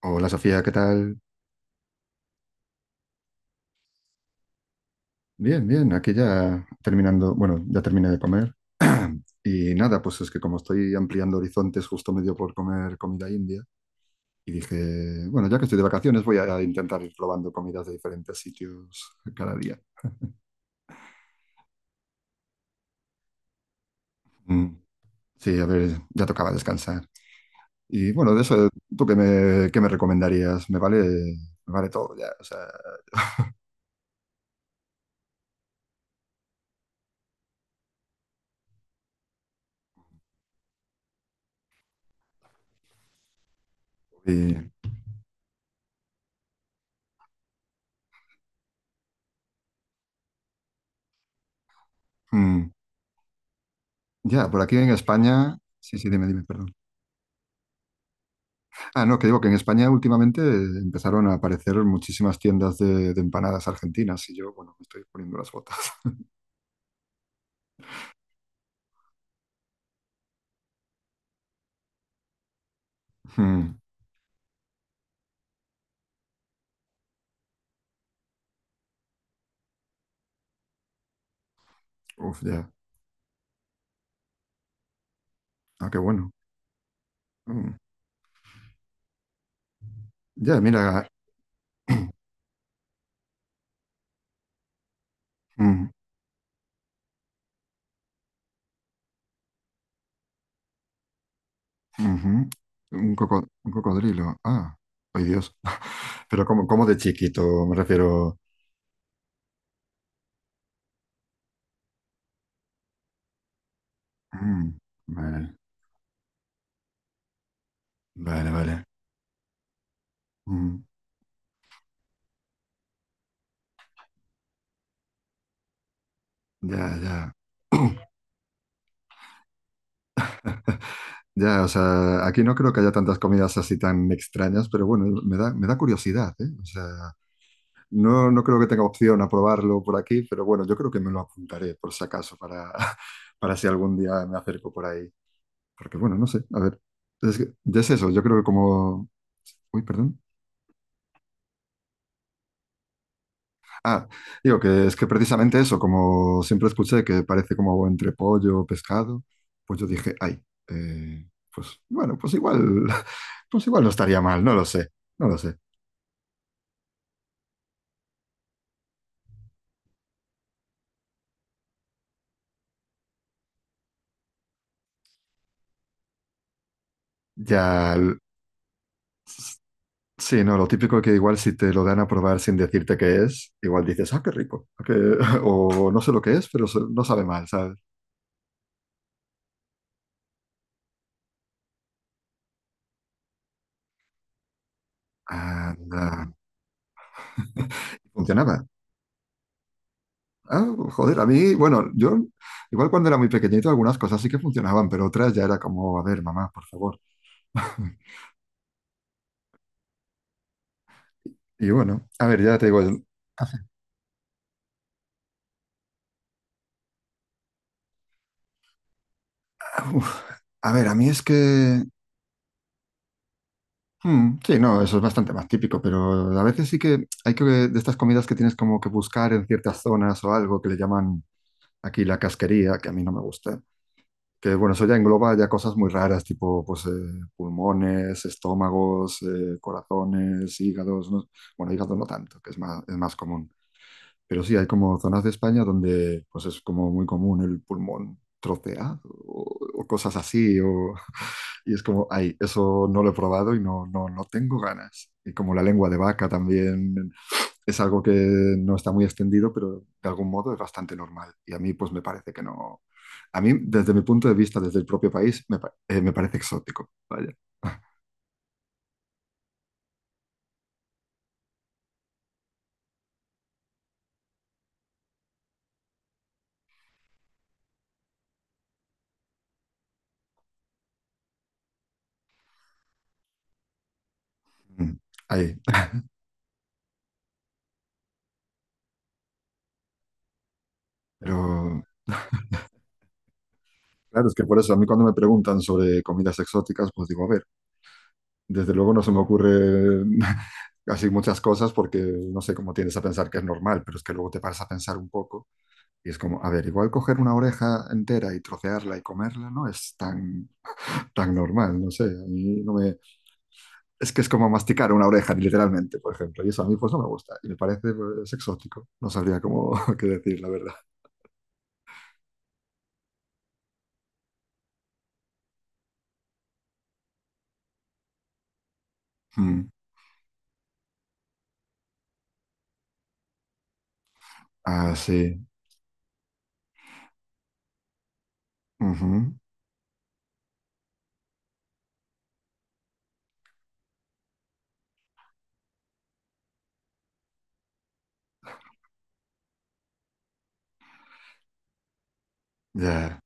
Hola Sofía, ¿qué tal? Bien, bien, aquí ya terminando, bueno, ya terminé de comer y nada, pues es que como estoy ampliando horizontes, justo me dio por comer comida india y dije, bueno, ya que estoy de vacaciones voy a intentar ir probando comidas de diferentes sitios cada día. Mm. Sí, a ver, ya tocaba descansar. Y bueno, de eso, ¿tú qué me recomendarías? Me vale todo ya, o sea, y, mm, ya, por aquí en España, sí, sí, dime, dime, perdón. Ah, no, que digo que en España últimamente empezaron a aparecer muchísimas tiendas de empanadas argentinas y yo, bueno, me estoy poniendo las botas. Mm. Uf, ya. Ah, qué bueno. Mm. Ya, mira. Mm, ujú. Un cocodrilo. Ah, ay, Dios. Pero como de chiquito, me refiero. Mm. Vale, vale, vale. Mm. Ya, ya. Ya, o sea, aquí no creo que haya tantas comidas así tan extrañas, pero bueno, me da curiosidad, ¿eh? O sea. No, no creo que tenga opción a probarlo por aquí, pero bueno, yo creo que me lo apuntaré por si acaso para, para si algún día me acerco por ahí. Porque bueno, no sé, a ver, ya es eso, yo creo que como... Uy, perdón. Ah, digo que es que precisamente eso, como siempre escuché que parece como entre pollo o pescado, pues yo dije, ay, eh, pues bueno, pues igual, pues igual no estaría mal, no lo sé, no lo sé. Ya. Sí, no, lo típico que igual si te lo dan a probar sin decirte qué es, igual dices, ah, qué rico, o no sé lo que es, pero no sabe mal, ¿sabes? Anda. Funcionaba. Ah, joder, a mí, bueno, yo igual cuando era muy pequeñito algunas cosas sí que funcionaban, pero otras ya era como, a ver, mamá, por favor. Y bueno, a ver, ya te digo, uf, a ver, a mí es que, sí, no, eso es bastante más típico, pero a veces sí que hay que, de estas comidas que tienes como que buscar en ciertas zonas o algo que le llaman aquí la casquería, que a mí no me gusta. Que bueno, eso ya engloba ya cosas muy raras, tipo pues, pulmones, estómagos, corazones, hígados, ¿no? Bueno, hígado no tanto, que es más común. Pero sí, hay como zonas de España donde pues es como muy común el pulmón troceado o cosas así. Y es como, ay, eso no lo he probado y no, no, no tengo ganas. Y como la lengua de vaca también es algo que no está muy extendido, pero de algún modo es bastante normal. Y a mí, pues me parece que no. A mí, desde mi punto de vista, desde el propio país, me parece exótico. Vaya. Mm. Ahí. Pero claro, es que por eso a mí cuando me preguntan sobre comidas exóticas, pues digo, a ver, desde luego no se me ocurre así muchas cosas porque no sé cómo tiendes a pensar que es normal, pero es que luego te paras a pensar un poco y es como, a ver, igual coger una oreja entera y trocearla y comerla no es tan, tan normal, no sé, a mí no me, es que es como masticar una oreja, literalmente, por ejemplo. Y eso a mí pues no me gusta. Y me parece pues, exótico. No sabría cómo qué decir, la verdad. Mm. Ah, sí. Ujú. Ya.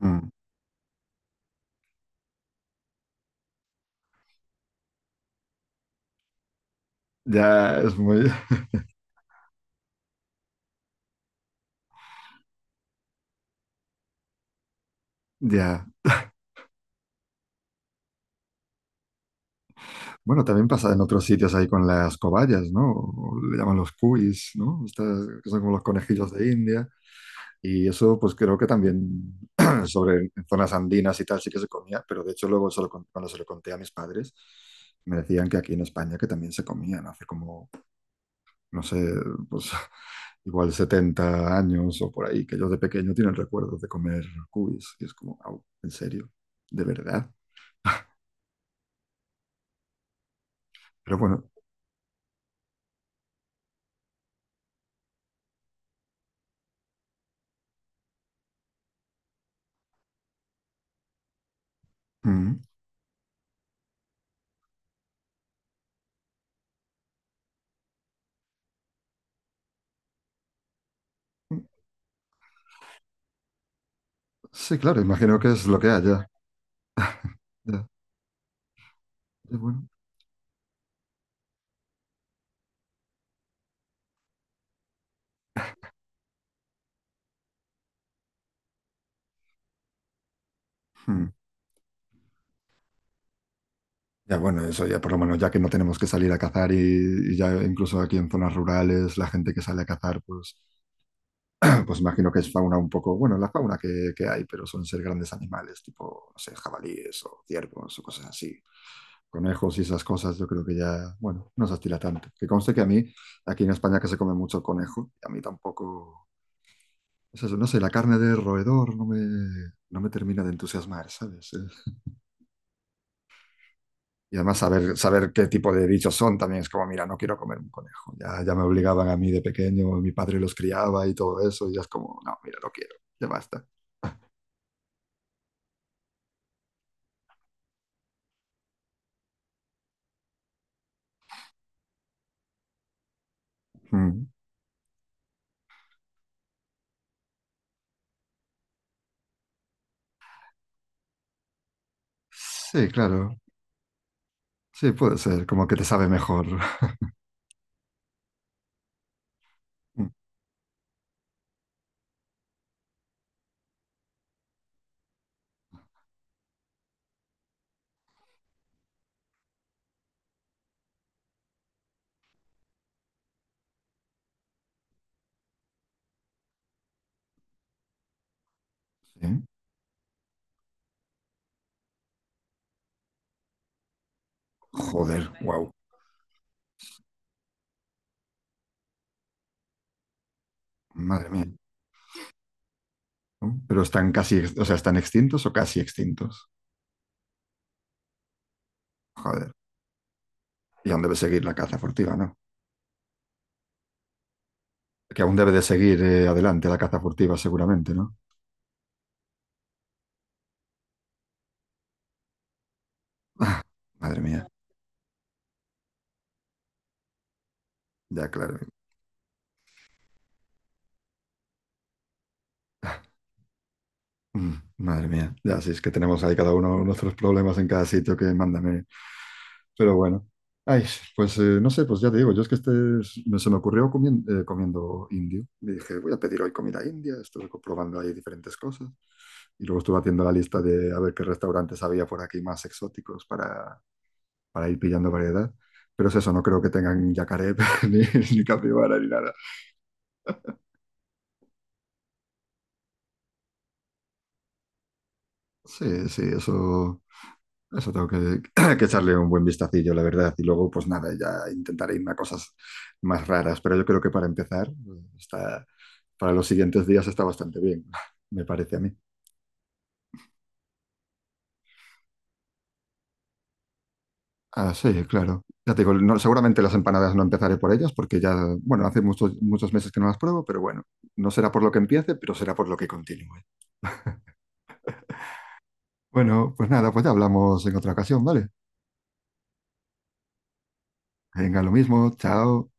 Mm. Ya, Ya. Bueno, también pasa en otros sitios ahí con las cobayas, ¿no? O le llaman los cuis, ¿no? Estas que son como los conejillos de India. Y eso pues creo que también sobre en zonas andinas y tal sí que se comía, pero de hecho luego cuando se lo conté a mis padres, me decían que aquí en España que también se comían hace como no sé, pues igual 70 años o por ahí, que ellos de pequeño tienen recuerdos de comer cubis. Y es como, au, ¿en serio? ¿De verdad? Pero bueno, mm, sí, claro, imagino que es lo que haya. Ya, ya, bueno. Mm. Ya bueno, eso ya por lo menos, ya que no tenemos que salir a cazar y ya incluso aquí en zonas rurales, la gente que sale a cazar, pues, pues imagino que es fauna un poco, bueno, la fauna que hay, pero son ser grandes animales, tipo, no sé, jabalíes o ciervos o cosas así, conejos y esas cosas, yo creo que ya, bueno, no se estila tanto. Que conste que a mí, aquí en España que se come mucho conejo, a mí tampoco, es eso, no sé, la carne de roedor no me termina de entusiasmar, ¿sabes? Y además saber qué tipo de bichos son también es como, mira, no quiero comer un conejo. Ya, ya me obligaban a mí de pequeño, mi padre los criaba y todo eso, y ya es como, no, mira, no quiero, ya basta. Mm. Sí, claro, sí, puede ser, como que te sabe mejor. Sí. Joder, wow, madre mía. ¿No? Pero están casi, o sea, están extintos o casi extintos. Joder. Y aún debe seguir la caza furtiva, ¿no? Que aún debe de seguir adelante la caza furtiva, seguramente, ¿no? Ah, madre mía. Ya, claro. Ah. Mm. Madre mía, ya sí, es que tenemos ahí cada uno nuestros problemas en cada sitio que mándame. Pero bueno, ay, pues no sé, pues ya te digo, yo es que este se me ocurrió comiendo indio. Y dije, voy a pedir hoy comida india, estuve probando ahí diferentes cosas. Y luego estuve haciendo la lista de a ver qué restaurantes había por aquí más exóticos para ir pillando variedad. Pero es eso, no creo que tengan yacaré ni, ni capibara ni nada. Sí, sí, eso, tengo que, que echarle un buen vistacillo, la verdad. Y luego, pues nada, ya intentaré irme a cosas más raras. Pero yo creo que para empezar, está, para los siguientes días está bastante bien, me parece a mí. Ah, sí, claro. Ya te digo, seguramente las empanadas no empezaré por ellas porque ya, bueno, hace muchos, muchos meses que no las pruebo, pero bueno, no será por lo que empiece, pero será por lo que continúe. Bueno, pues nada, pues ya hablamos en otra ocasión, ¿vale? Venga, lo mismo, chao.